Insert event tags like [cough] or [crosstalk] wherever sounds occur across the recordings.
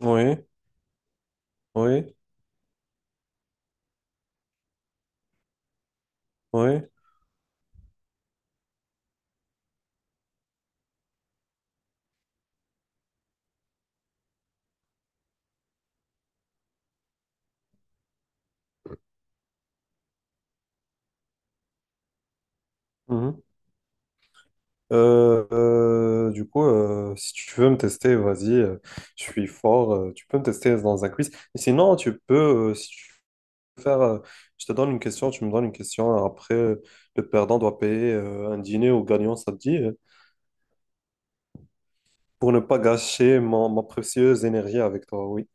Oui, oui, oui. Mhm. Si tu veux me tester, vas-y, je suis fort. Tu peux me tester dans un quiz. Et sinon, tu peux, si tu veux faire, je te donne une question, tu me donnes une question, hein. Après, le perdant doit payer un dîner au gagnant, ça te dit, pour ne pas gâcher ma précieuse énergie avec toi. Oui.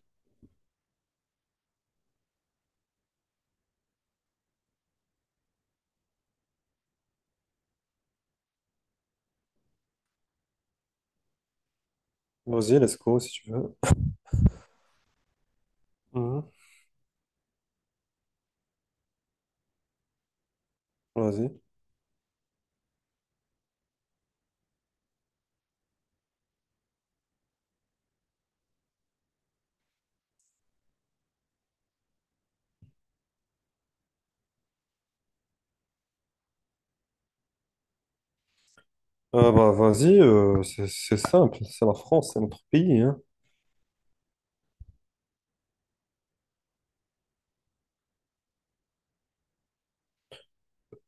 Vas-y, let's go si tu veux. Mhm. Vas-y. Ah bah, vas-y, c'est simple. C'est la France, c'est notre pays, hein.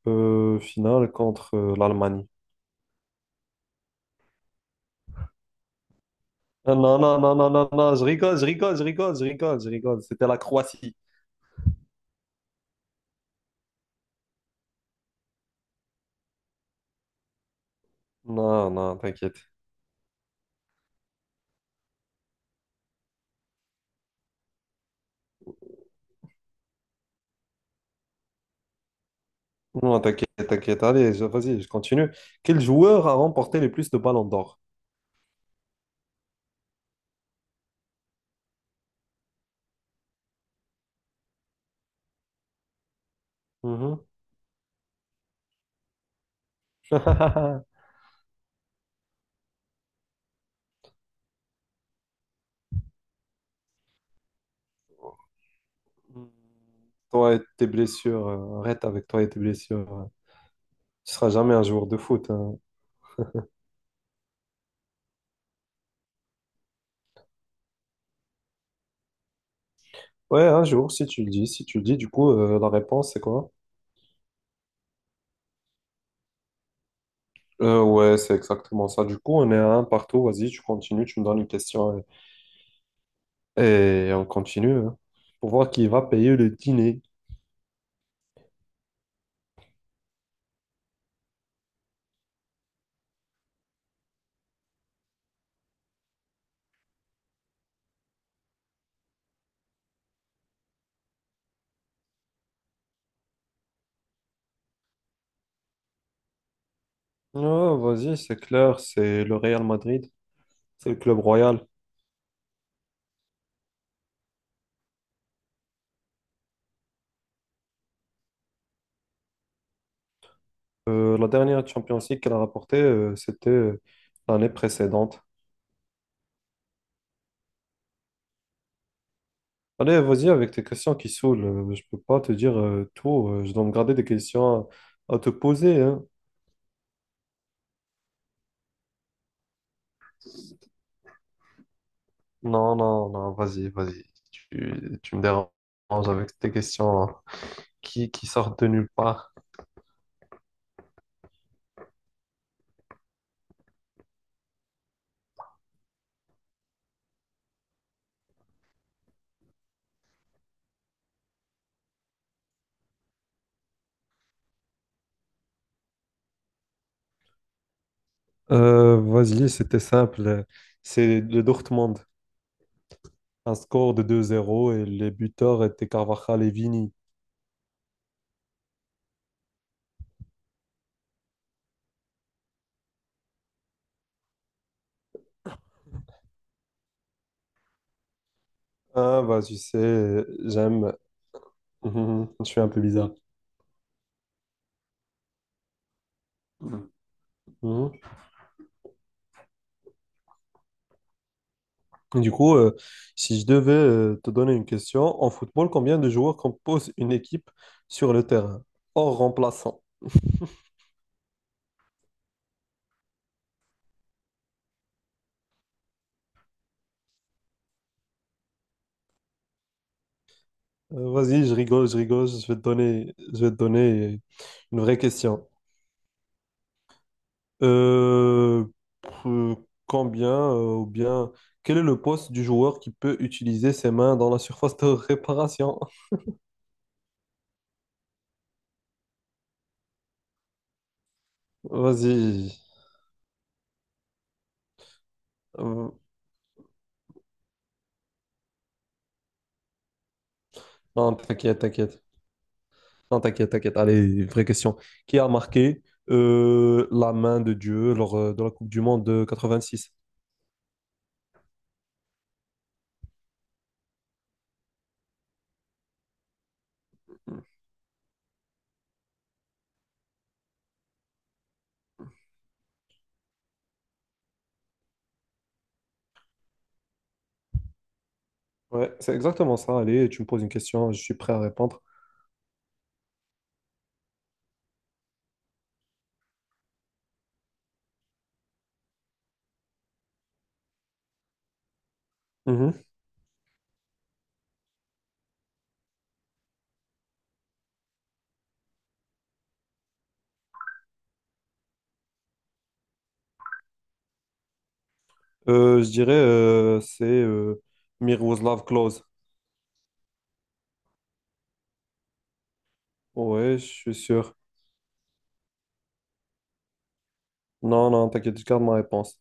Finale contre l'Allemagne. Non, non, non, non, non, non, je rigole, je rigole, je rigole, je rigole, je rigole. C'était la Croatie. Non, non, t'inquiète. Non, t'inquiète, t'inquiète. Allez, vas-y, je continue. Quel joueur a remporté le plus de ballons d'or? Mhm. [laughs] Toi et tes blessures, arrête avec toi et tes blessures. Tu seras jamais un joueur de foot, hein. Ouais, un jour, si tu le dis, si tu le dis, la réponse, c'est quoi? Ouais, c'est exactement ça. Du coup, on est à un partout. Vas-y, tu continues, tu me donnes une question, et on continue, hein, pour voir qui va payer le dîner. Non, vas-y, c'est clair, c'est le Real Madrid, c'est le club royal. La dernière Champions League qu'elle a rapportée, c'était l'année précédente. Allez, vas-y avec tes questions qui saoulent. Je peux pas te dire tout. Je dois me garder des questions à te poser, hein. Non, non, non, vas-y, vas-y. Tu me déranges avec tes questions, hein, qui sortent de nulle part. Vas-y, c'était simple. C'est le Dortmund. Un score de 2-0 et les buteurs étaient Carvajal et Vini. Ah, bah, tu sais, j'aime. [laughs] Mhm. Je suis un peu bizarre. Mhm. Du coup, si je devais te donner une question, en football, combien de joueurs composent une équipe sur le terrain, hors remplaçant? Vas-y, je rigole, je rigole, je vais te donner, je vais te donner une vraie question. Euh, pr- Combien ou bien quel est le poste du joueur qui peut utiliser ses mains dans la surface de réparation? [laughs] Vas-y. Euh, non, t'inquiète, t'inquiète. Non, t'inquiète, t'inquiète. Allez, vraie question. Qui a marqué la main de Dieu lors de la Coupe du Monde de quatre-vingt-six? Ouais, c'est exactement ça. Allez, tu me poses une question, je suis prêt à répondre. Mhm. Je dirais c'est Miroslav Klose. Ouais, je suis sûr. Non, non, t'inquiète, je garde ma réponse.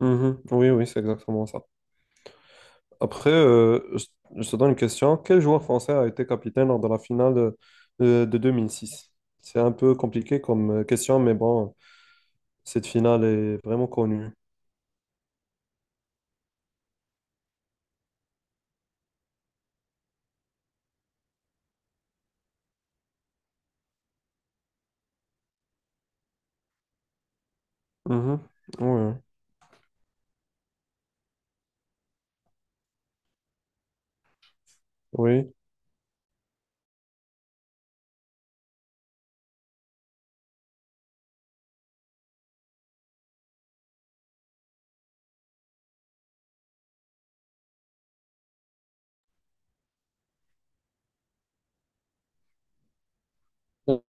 Mhm. Oui, oui, c'est exactement ça. Après, euh, je, je te donne une question. Quel joueur français a été capitaine lors de la finale de, de deux mille six? C'est un peu compliqué comme question, mais bon, cette finale est vraiment connue. Mhm. Oui, oui.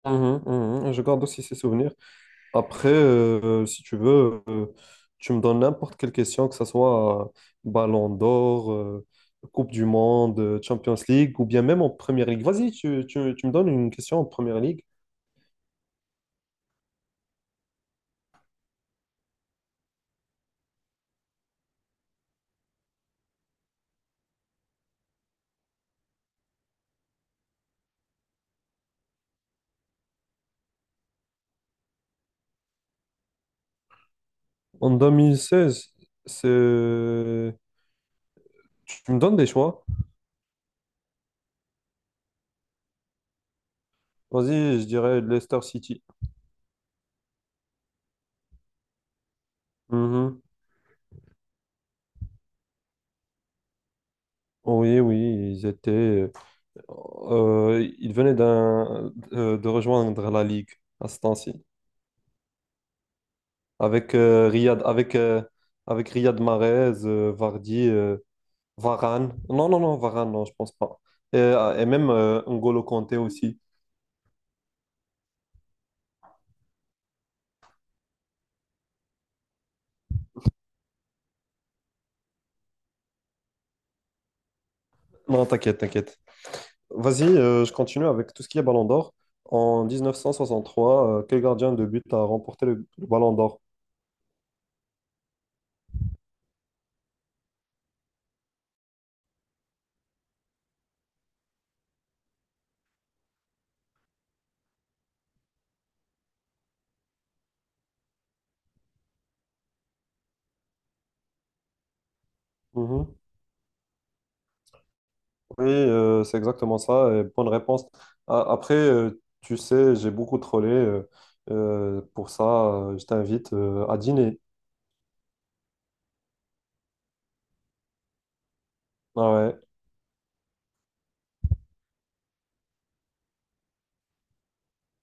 Mhm, mhm. Je garde aussi ces souvenirs. Après, si tu veux, tu me donnes n'importe quelle question, que ce soit Ballon d'Or, Coupe du Monde, Champions League, ou bien même en Première Ligue. Vas-y, tu me donnes une question en Première Ligue. En 2016, c'est... Tu me donnes des choix? Vas-y, je dirais Leicester City. Mhm. Oui, oui, ils étaient... ils venaient de rejoindre la Ligue à ce temps-ci. Avec, Riyad, avec, avec Riyad Mahrez, Vardy, Varane. Non, non, non, Varane, non, je pense pas. Et même N'Golo Kanté aussi. Non, t'inquiète, t'inquiète. Vas-y, je continue avec tout ce qui est Ballon d'Or. En 1963, quel gardien de but a remporté le Ballon d'Or? Mhm. Oui, c'est exactement ça, et bonne réponse. Après, tu sais, j'ai beaucoup trollé, pour ça, je t'invite à dîner. Ah ouais.